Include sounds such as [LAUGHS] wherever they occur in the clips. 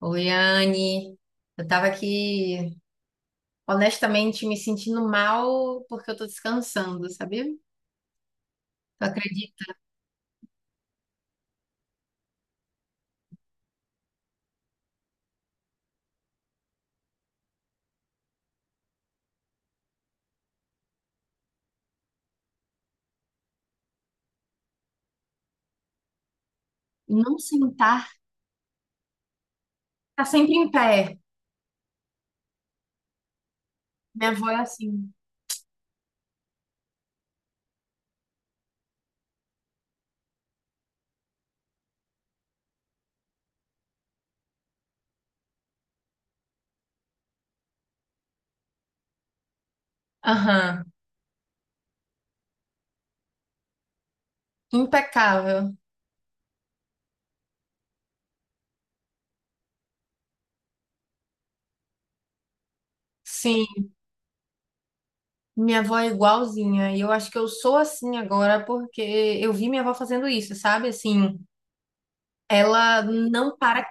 Oi, Anne. Eu tava aqui, honestamente, me sentindo mal porque eu tô descansando, sabia? Tu acredita? Não sentar, tá sempre em pé. Minha avó é assim. Aham, impecável. Sim, minha avó é igualzinha. E eu acho que eu sou assim agora porque eu vi minha avó fazendo isso, sabe? Assim, ela não para.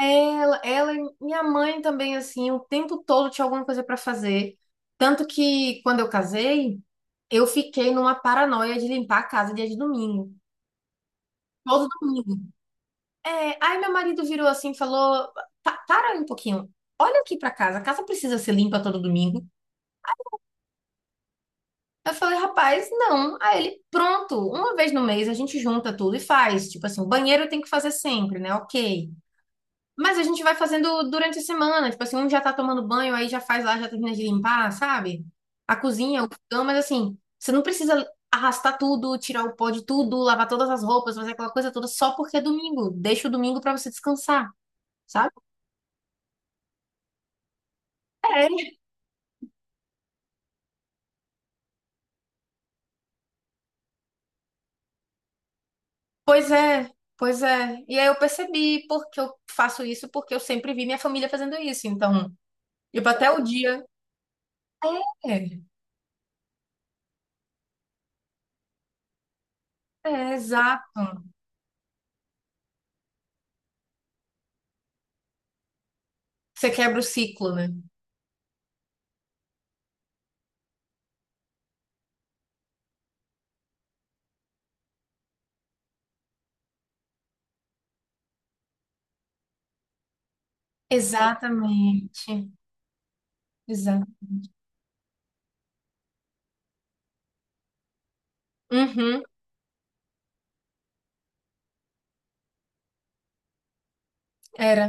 Ela e minha mãe também, assim, o tempo todo tinha alguma coisa pra fazer. Tanto que quando eu casei, eu fiquei numa paranoia de limpar a casa dia de domingo. Todo domingo. É, aí meu marido virou assim e falou: Para aí um pouquinho. Olha aqui pra casa. A casa precisa ser limpa todo domingo?" Eu falei, rapaz, não. Aí ele, pronto, uma vez no mês a gente junta tudo e faz. Tipo assim, o banheiro tem que fazer sempre, né? Ok. Mas a gente vai fazendo durante a semana. Tipo assim, um já tá tomando banho, aí já faz lá, já termina de limpar, sabe? A cozinha, o fogão, mas assim, você não precisa arrastar tudo, tirar o pó de tudo, lavar todas as roupas, fazer aquela coisa toda só porque é domingo. Deixa o domingo pra você descansar, sabe? É. Pois é, pois é. E aí eu percebi porque eu faço isso, porque eu sempre vi minha família fazendo isso. Então, tipo, até o dia. É, é, exato. Você quebra o ciclo, né? Exatamente. Exato. Era,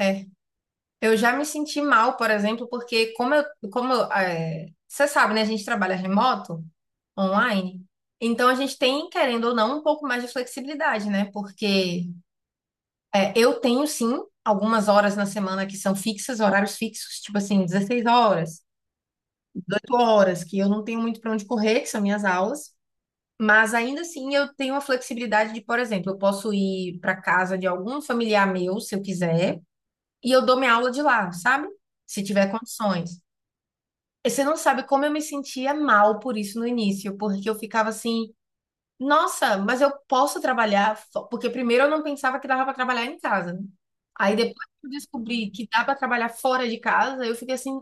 é. Eu já me senti mal, por exemplo, porque como eu, é, você sabe, né? A gente trabalha remoto, online, então a gente tem, querendo ou não, um pouco mais de flexibilidade, né? Porque é, eu tenho sim algumas horas na semana que são fixas, horários fixos, tipo assim, 16 horas, 8 horas, que eu não tenho muito para onde correr, que são minhas aulas. Mas ainda assim eu tenho a flexibilidade de, por exemplo, eu posso ir para casa de algum familiar meu, se eu quiser. E eu dou minha aula de lá, sabe? Se tiver condições. E você não sabe como eu me sentia mal por isso no início, porque eu ficava assim, nossa, mas eu posso trabalhar, porque primeiro eu não pensava que dava para trabalhar em casa, né? Aí depois que eu descobri que dá para trabalhar fora de casa, eu fiquei assim,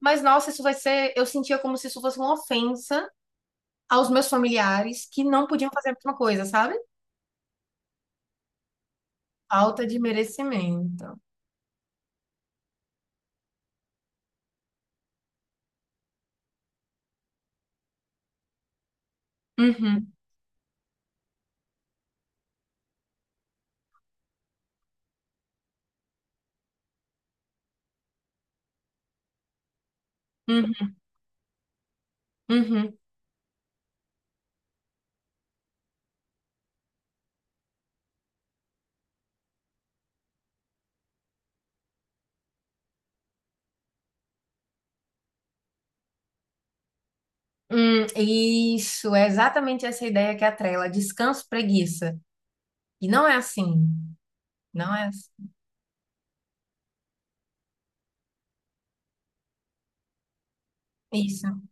mas nossa, isso vai ser, eu sentia como se isso fosse uma ofensa aos meus familiares que não podiam fazer a mesma coisa, sabe? Falta de merecimento. Uhum, uhum, uhum. Isso, é exatamente essa ideia que atrela, descanso, preguiça. E não é assim, não é assim. Isso.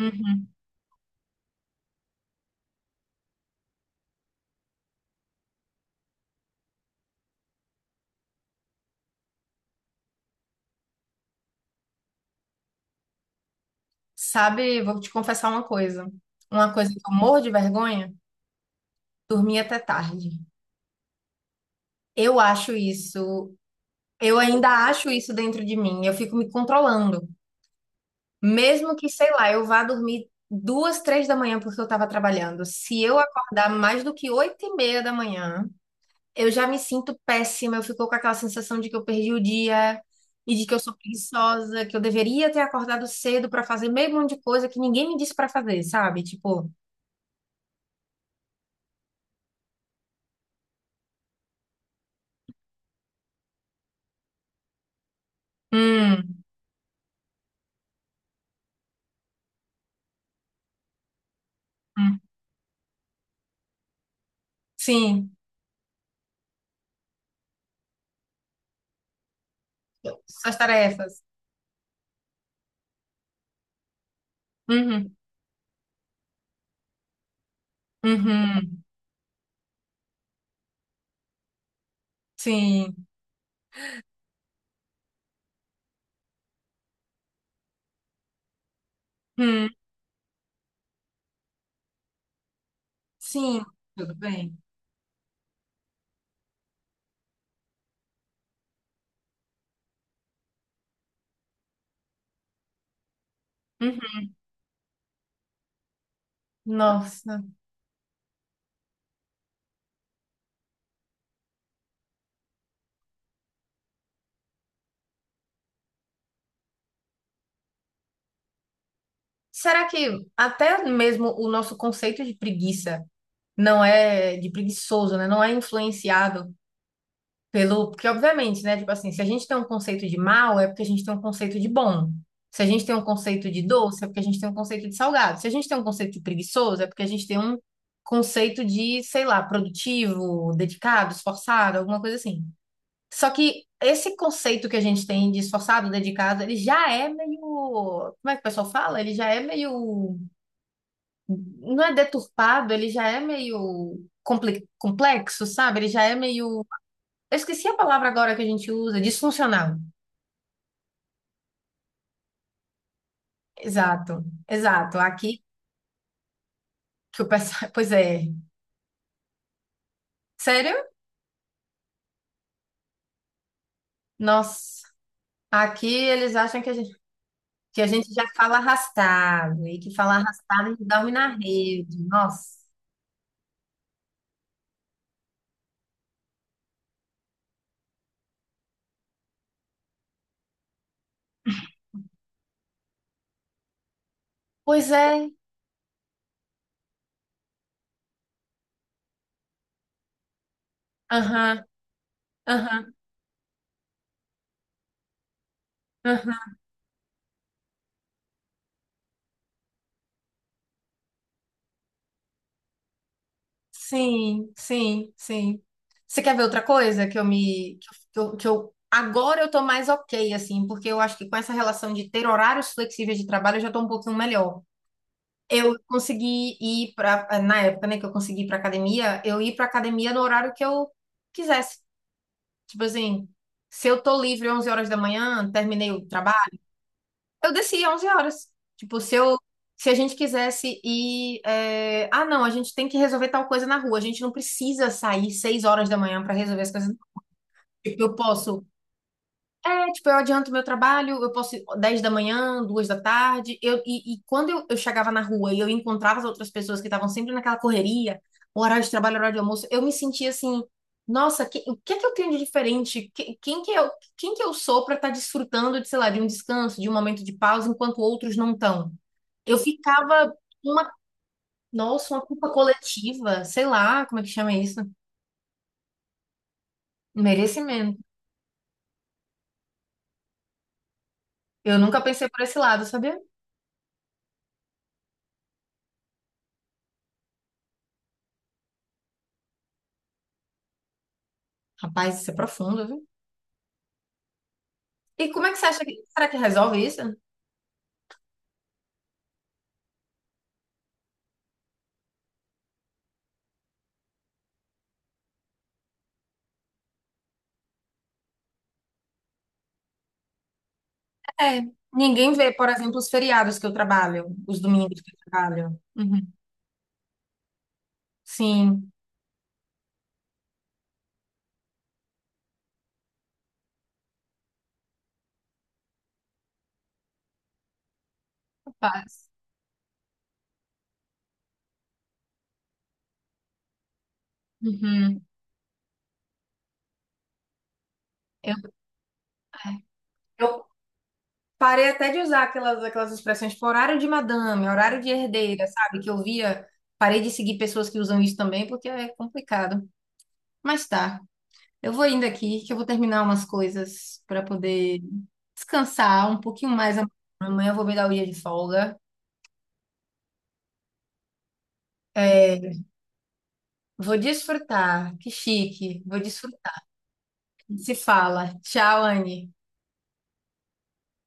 Uhum. Sabe, vou te confessar uma coisa. Uma coisa que eu morro de vergonha, dormir até tarde. Eu acho isso, eu ainda acho isso dentro de mim, eu fico me controlando. Mesmo que, sei lá, eu vá dormir 2, 3 da manhã porque eu estava trabalhando. Se eu acordar mais do que 8:30 da manhã, eu já me sinto péssima, eu fico com aquela sensação de que eu perdi o dia e de que eu sou preguiçosa, que eu deveria ter acordado cedo pra fazer meio monte de coisa que ninguém me disse pra fazer, sabe? Tipo, hum, hum, sim, suas tarefas. Uhum, uhum, sim, hum, sim, tudo bem. Uhum. Nossa. Será que até mesmo o nosso conceito de preguiça não é de preguiçoso, né? Não é influenciado pelo, porque obviamente, né? Tipo assim, se a gente tem um conceito de mal, é porque a gente tem um conceito de bom. Se a gente tem um conceito de doce, é porque a gente tem um conceito de salgado. Se a gente tem um conceito de preguiçoso, é porque a gente tem um conceito de, sei lá, produtivo, dedicado, esforçado, alguma coisa assim. Só que esse conceito que a gente tem de esforçado, dedicado, ele já é meio, como é que o pessoal fala? Ele já é meio, não é deturpado, ele já é meio complexo, sabe? Ele já é meio eu esqueci a palavra agora que a gente usa, disfuncional. Exato, exato. Aqui que o pessoal. [LAUGHS] Pois é. Sério? Nossa. Aqui eles acham que a gente já fala arrastado e que fala arrastado a gente dorme na rede. Nossa. Pois é. Aham, aham, aham. Sim, sim, sim. Você quer ver outra coisa que eu me. Que eu, agora eu tô mais ok, assim, porque eu acho que com essa relação de ter horários flexíveis de trabalho eu já tô um pouquinho melhor. Eu consegui ir para na época, né, que eu consegui ir para academia, eu ir para academia no horário que eu quisesse. Tipo assim, se eu tô livre 11 horas da manhã, terminei o trabalho, eu desci 11 horas. Tipo, se a gente quisesse ir, é, ah, não, a gente tem que resolver tal coisa na rua, a gente não precisa sair 6 horas da manhã para resolver as coisas. Tipo, eu posso É, tipo, eu adianto meu trabalho, eu posso ir 10 da manhã, 2 da tarde. E quando eu chegava na rua e eu encontrava as outras pessoas que estavam sempre naquela correria, horário de trabalho, horário de almoço, eu me sentia assim, nossa, que- o que é que eu tenho de diferente? Que- quem que eu sou para estar desfrutando de, sei lá, de um descanso, de um momento de pausa, enquanto outros não estão? Eu ficava uma, nossa, uma culpa coletiva, sei lá, como é que chama isso? Merecimento. Eu nunca pensei por esse lado, sabia? Rapaz, isso é profundo, viu? E como é que você acha que será que resolve isso? É, ninguém vê, por exemplo, os feriados que eu trabalho, os domingos que eu trabalho. Uhum. Sim, rapaz. Uhum. Eu, é. Eu parei até de usar aquelas expressões tipo horário de madame, horário de herdeira, sabe? Que eu via, parei de seguir pessoas que usam isso também, porque é complicado. Mas tá, eu vou indo aqui, que eu vou terminar umas coisas para poder descansar um pouquinho mais. Amanhã eu vou me dar o dia de folga. É, vou desfrutar. Que chique. Vou desfrutar. Se fala. Tchau, Anne.